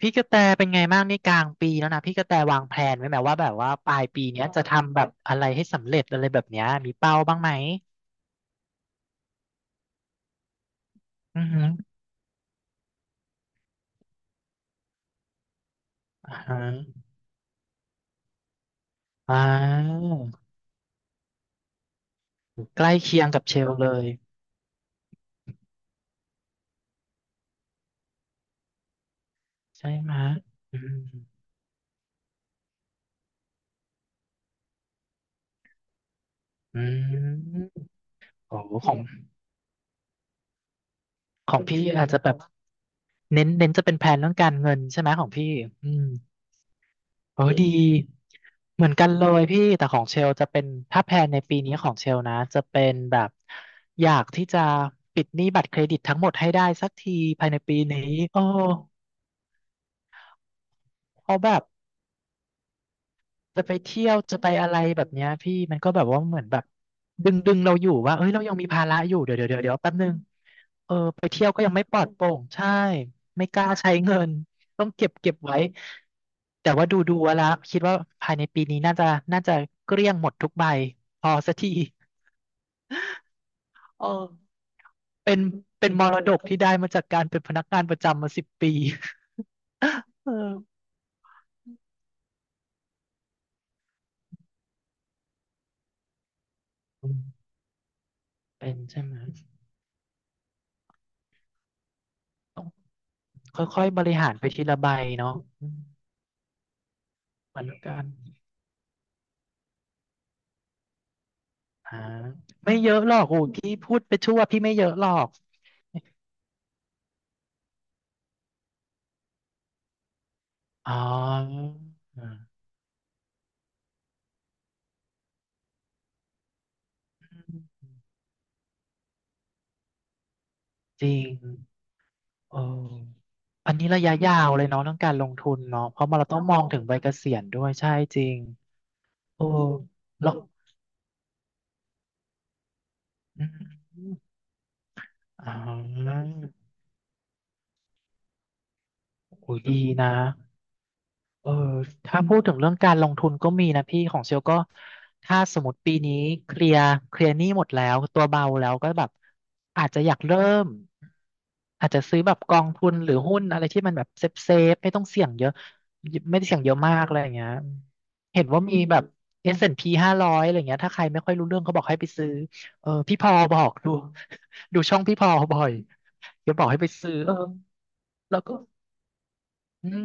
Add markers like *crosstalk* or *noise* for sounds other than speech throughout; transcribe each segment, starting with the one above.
พี่กระแตเป็นไงบ้างนี่กลางปีแล้วนะพี่กระแตวางแผนไว้ไหมว่าแบบว่าปลายปีเนี้ยจะทำแบบอะไรให้สำเร็จอะไรแบบเนี้ยมีเป้าบ้างไหมอือหืออ่าฮะอ่าใกล้เคียงกับเชลเลยใช่ไหมอืมอืมโอ้ของของพี่อาจจะแบบเน้นจะเป็นแผนเรื่องการเงินใช่ไหมของพี่อืม เออดีเหมือนกันเลยพี่แต่ของเชลจะเป็นถ้าแพลนในปีนี้ของเชลนะจะเป็นแบบอยากที่จะปิดหนี้บัตรเครดิตทั้งหมดให้ได้สักทีภายในปีนี้โอ้เพราะแบบ จะไปเที่ยวจะไปอะไรแบบเนี้ยพี่มันก็แบบว่าเหมือนแบบดึงเราอยู่ว่าเอ้ยเรายังมีภาระอยู่เดี๋ยวแป๊บนึงเออไปเที่ยวก็ยังไม่ปลอดโปร่งใช่ไม่กล้าใช้เงินต้องเก็บไว้แต่ว่าดูแล้วคิดว่าภายในปีนี้น่าจะเกลี้ยงหมดทุกใบพอสักทีเออเป็นเป็นมรดกที่ได้มาจากการเป็นพนักงานประจำมาสิบปีเอออืมเป็นใช่ไหมต้องค่อยๆบริหารไปทีละใบเนาะอืมเหมือนกัน อ่าไม่เยอะหรอกโอ้ยพี่พูดไปชั่วพี่ไม่เยอะหรอกอ๋อจริงโอ้อันนี้ระยะยาวเลยเนาะเรื่องการลงทุนเนาะเพราะมันเราต้องมองถึงใบเกษียณด้วยใช่จริงโอ้แล้วอมอ๋อโอ้ยดีนะ เออถ้าพูดถึงเรื่องการลงทุนก็มีนะพี่ของเซลก็ถ้าสมมติปีนี้เคลียร์เคลียร์หนี้หมดแล้วตัวเบาแล้วก็แบบอาจจะอยากเริ่มอาจจะซื้อแบบกองทุนหรือหุ้นอะไรที่มันแบบเซฟไม่ต้องเสี่ยงเยอะไม่ได้เสี่ยงเยอะมากอะไรอย่างเงี้ยเห็นว่ามีแบบ S&P 500อะไรเงี้ยถ้าใครไม่ค่อยรู้เรื่องเขาบอกให้ไปซื้อเออพี่พอบอกดูดูช่องพี่พอบ่อยแกบอกให้ไปซื้อเออแล้วก็อืม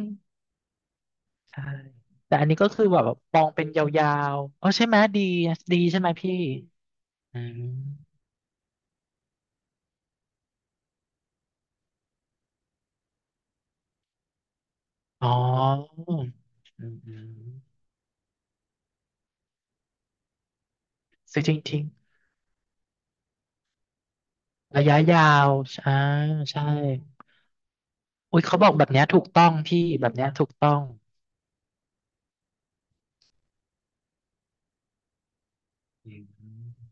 ใช่แต่อันนี้ก็คือแบบมองเป็นยาวๆอ๋อใช่ไหมดีดีใช่ไหมพี่อืมอ๋ออืมซื้อจริงๆระยะยาวอ่าใช่อุ้ยเขาบอกแบบเนี้ยถูกต้องพี่แบบเนี้ยถูกต้องอืม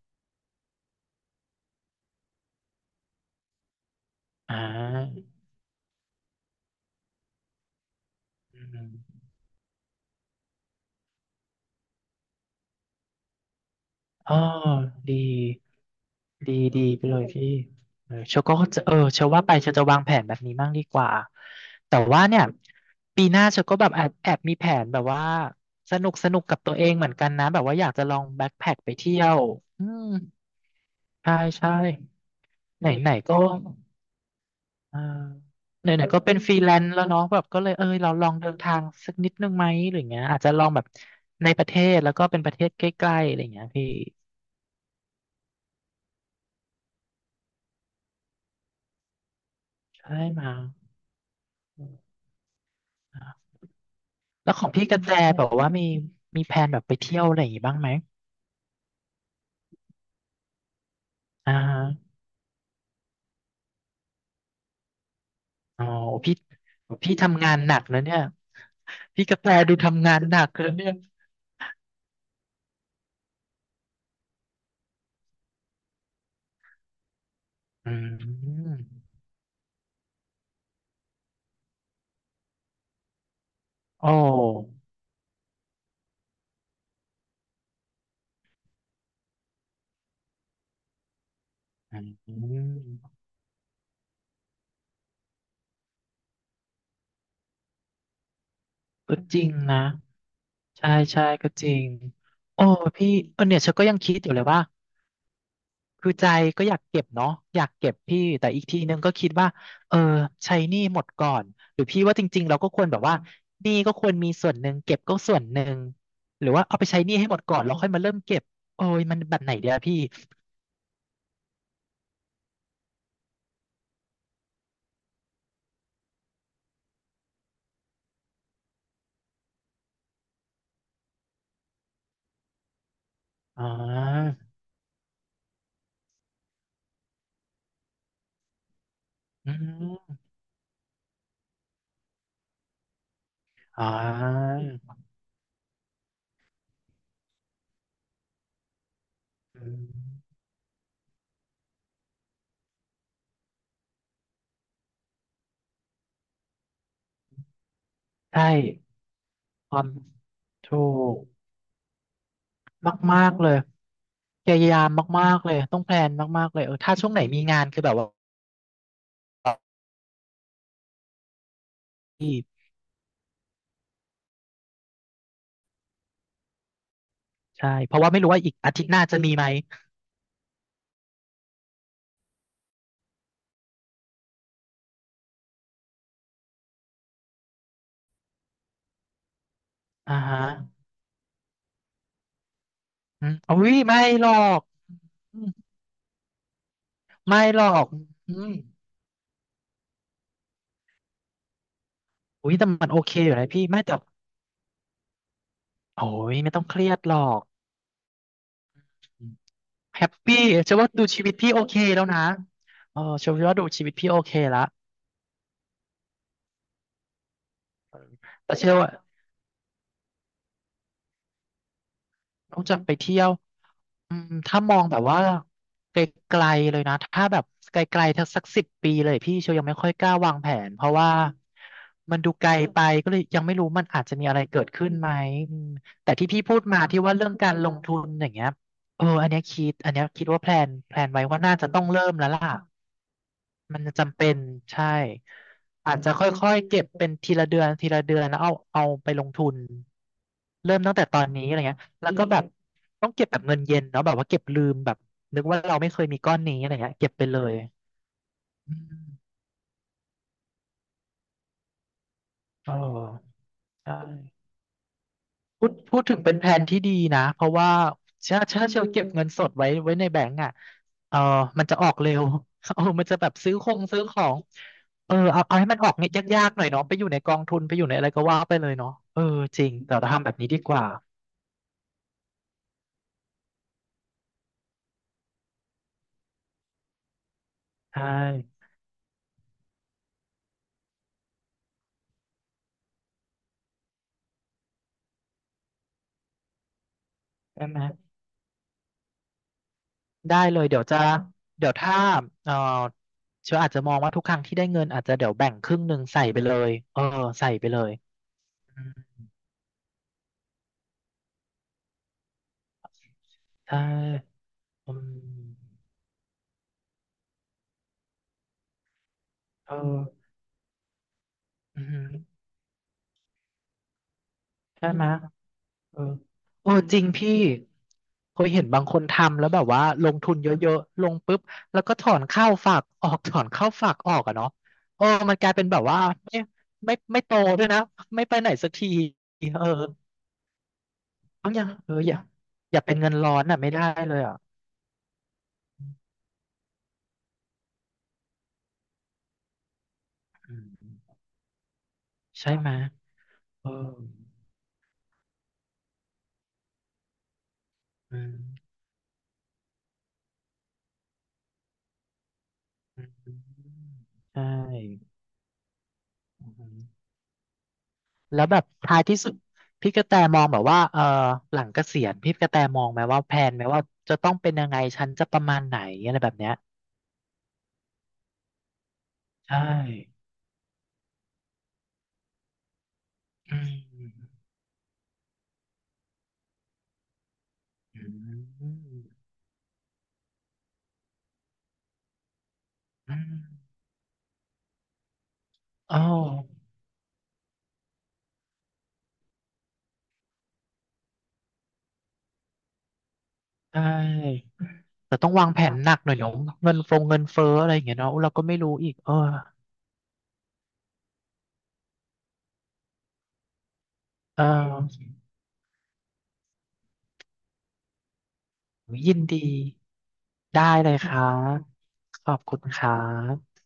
อ่าอืมอ๋อดี ดีดีไปเลยพี่เออเชลก็จะเออเชลว่าไปเชลจะวางแผนแบบนี้บ้างดีกว่าแต่ว่าเนี่ยปีหน้าเชลก็แบบแอบมีแผนแบบว่าสนุกกับตัวเองเหมือนกันนะแบบว่าอยากจะลองแบ็คแพ็คไปเที่ยวอืมใช่ใช่ไหนไหนก็เออไหนไหนก็เป็นฟรีแลนซ์แล้วเนาะแบบก็เลยเออเราลองเดินทางสักนิดนึงไหมหรืออย่างเงี้ยอาจจะลองแบบในประเทศแล้วก็เป็นประเทศใกล้ๆอะไรอย่างเงี้ยพี่ใช่มา แล้วของพี่กระแตแบบว่ามีมีแพลนแบบไปเที่ยวอะไรอย่างงี้บ้างไหมอ่าฮะอ๋อพี่พี่ทำงานหนักนะเนี่ยพี่กระแตดูทำงานหนักเลยเนี่ย อืมโอ้อืมก็จริงนะ ใช่ใช่ก็จริงโอ้พี่เออเนี่ยฉันก็ยังคิดอยู่เลยว่า คือใจก็อยากเก็บเนาะอยากเก็บพี่แต่อีกทีนึงก็คิดว่าเออใช้หนี้หมดก่อนหรือพี่ว่าจริงๆเราก็ควรแบบว่าหนี้ก็ควรมีส่วนหนึ่งเก็บก็ส่วนหนึ่งหรือว่าเอาไปใช้หนี้ให้หมดก่อนแล้วค่อยมาเริ่มเก็บโอ้ยมันแบบไหนเดียพี่อ๋ออืมอ๋ออืมใช่ความถูกมากๆเลยพยายามมากๆเลยต้องแพลนมากๆเลยเออถ้าช่วงไหนมีงานคือแบบว่าพี่ใช่เพราะว่าไม่รู้ว่าอีกอาทิตย์หน้าจะมีไหม อ่าฮะอืมอุ้ยไม่หรอกอืมไม่หรอกอืมอุ้ยแต่มันโอเคอยู่นะพี่ไม่แต่โอ้ยไม่ต้องเครียดหรอกอืมแฮปปี้เชื่อว่าดูชีวิตพี่โอเคแล้วนะเออเชื่อว่าดูชีวิตพี่โอเคละแต่เชื่อว่าต้องจะไปเที่ยว อืมถ้ามองแบบว่าไกลๆเลยนะถ้าแบบไกลๆถ้าสักสิบปีเลยพี่เชลยังไม่ค่อยกล้าวางแผนเพราะว่ามันดูไกลไปก็เลยยังไม่รู้มันอาจจะมีอะไรเกิดขึ้นไหมอืมแต่ที่พี่พูดมาที่ว่าเรื่องการลงทุนอย่างเงี้ยเอออันเนี้ยคิดว่าแพลนไว้ว่าน่าจะต้องเริ่มแล้วล่ะ มันจำเป็นใช่อาจจะค่อยๆเก็บเป็นทีละเดือนแล้วเอาเอาไปลงทุนเริ่มตั้งแต่ตอนนี้อะไรเงี้ยแล้วก็แบบต้องเก็บแบบเงินเย็นเนาะแบบว่าเก็บลืมแบบนึกว่าเราไม่เคยมีก้อนนี้อะไรเงี้ยเก็บไปเลยอืมเออใช่ พูดพูดถึงเป็นแผนที่ดีนะเพราะว่าถ้าถ้าเชลเก็บเงินสดไว้ไว้ในแบงก์อ่ะเออมันจะออกเร็ว *laughs* เออมันจะแบบซื้อคงซื้อของเออเอาเอาให้มันออกเนี่ยยากๆหน่อยเนาะไปอยู่ในกองทุนไปอยู่ในอะไรก็ว่าไปเลยเนาะเออจริงแต่เราทำแบบนี้ดีกว่าใช่ได้ไหมได้เลยเดี๋ยวจะเดี๋ยวถ้าเออเชลอาจจะมองว่าทุกครั้งที่ได้เงินอาจจะเดี๋ยวแบ่งครึ่งหนึ่งใส่ไปเลยเออใส่ไปเลยอืมใช่อืมเอออืมใช่ไหม เออเออจริงพี่เคยเห็นบางคนทำแล้วแบบว่าลงทุนเยอะๆลงปุ๊บแล้วก็ถอนเข้าฝากออกถอนเข้าฝากออกอะเนาะเออมันกลายเป็นแบบว่าไม่ไม่ไม่โตด้วยนะไม่ไปไหนสักทีเออต้องยังเอออย่าเป็นเงินร้อนอ่ะไม่ได้เลยอ่ะอืมใช่ไหมเอออืมอืมใช่ แล้วแบบท้ายที่สุดพี่กระแตมองแบบว่าเออหลังเกษียณพี่กระแตมองไหมว่าแผนไหมว่าจะต้องเป็นยังไงฉันจะประมาณไหนอะไรแบบเนี้ยใช่อืมอืมอืมอ้าวใช่แต่ต้องวางแผนหนักหน่อยเนาะเงินฟงเงินเฟ้ออะไรอย่างเงี้ยเนาะเราก็ไม่รู้อีกเออเออยินดีได้เลยครับขอบคุณครับ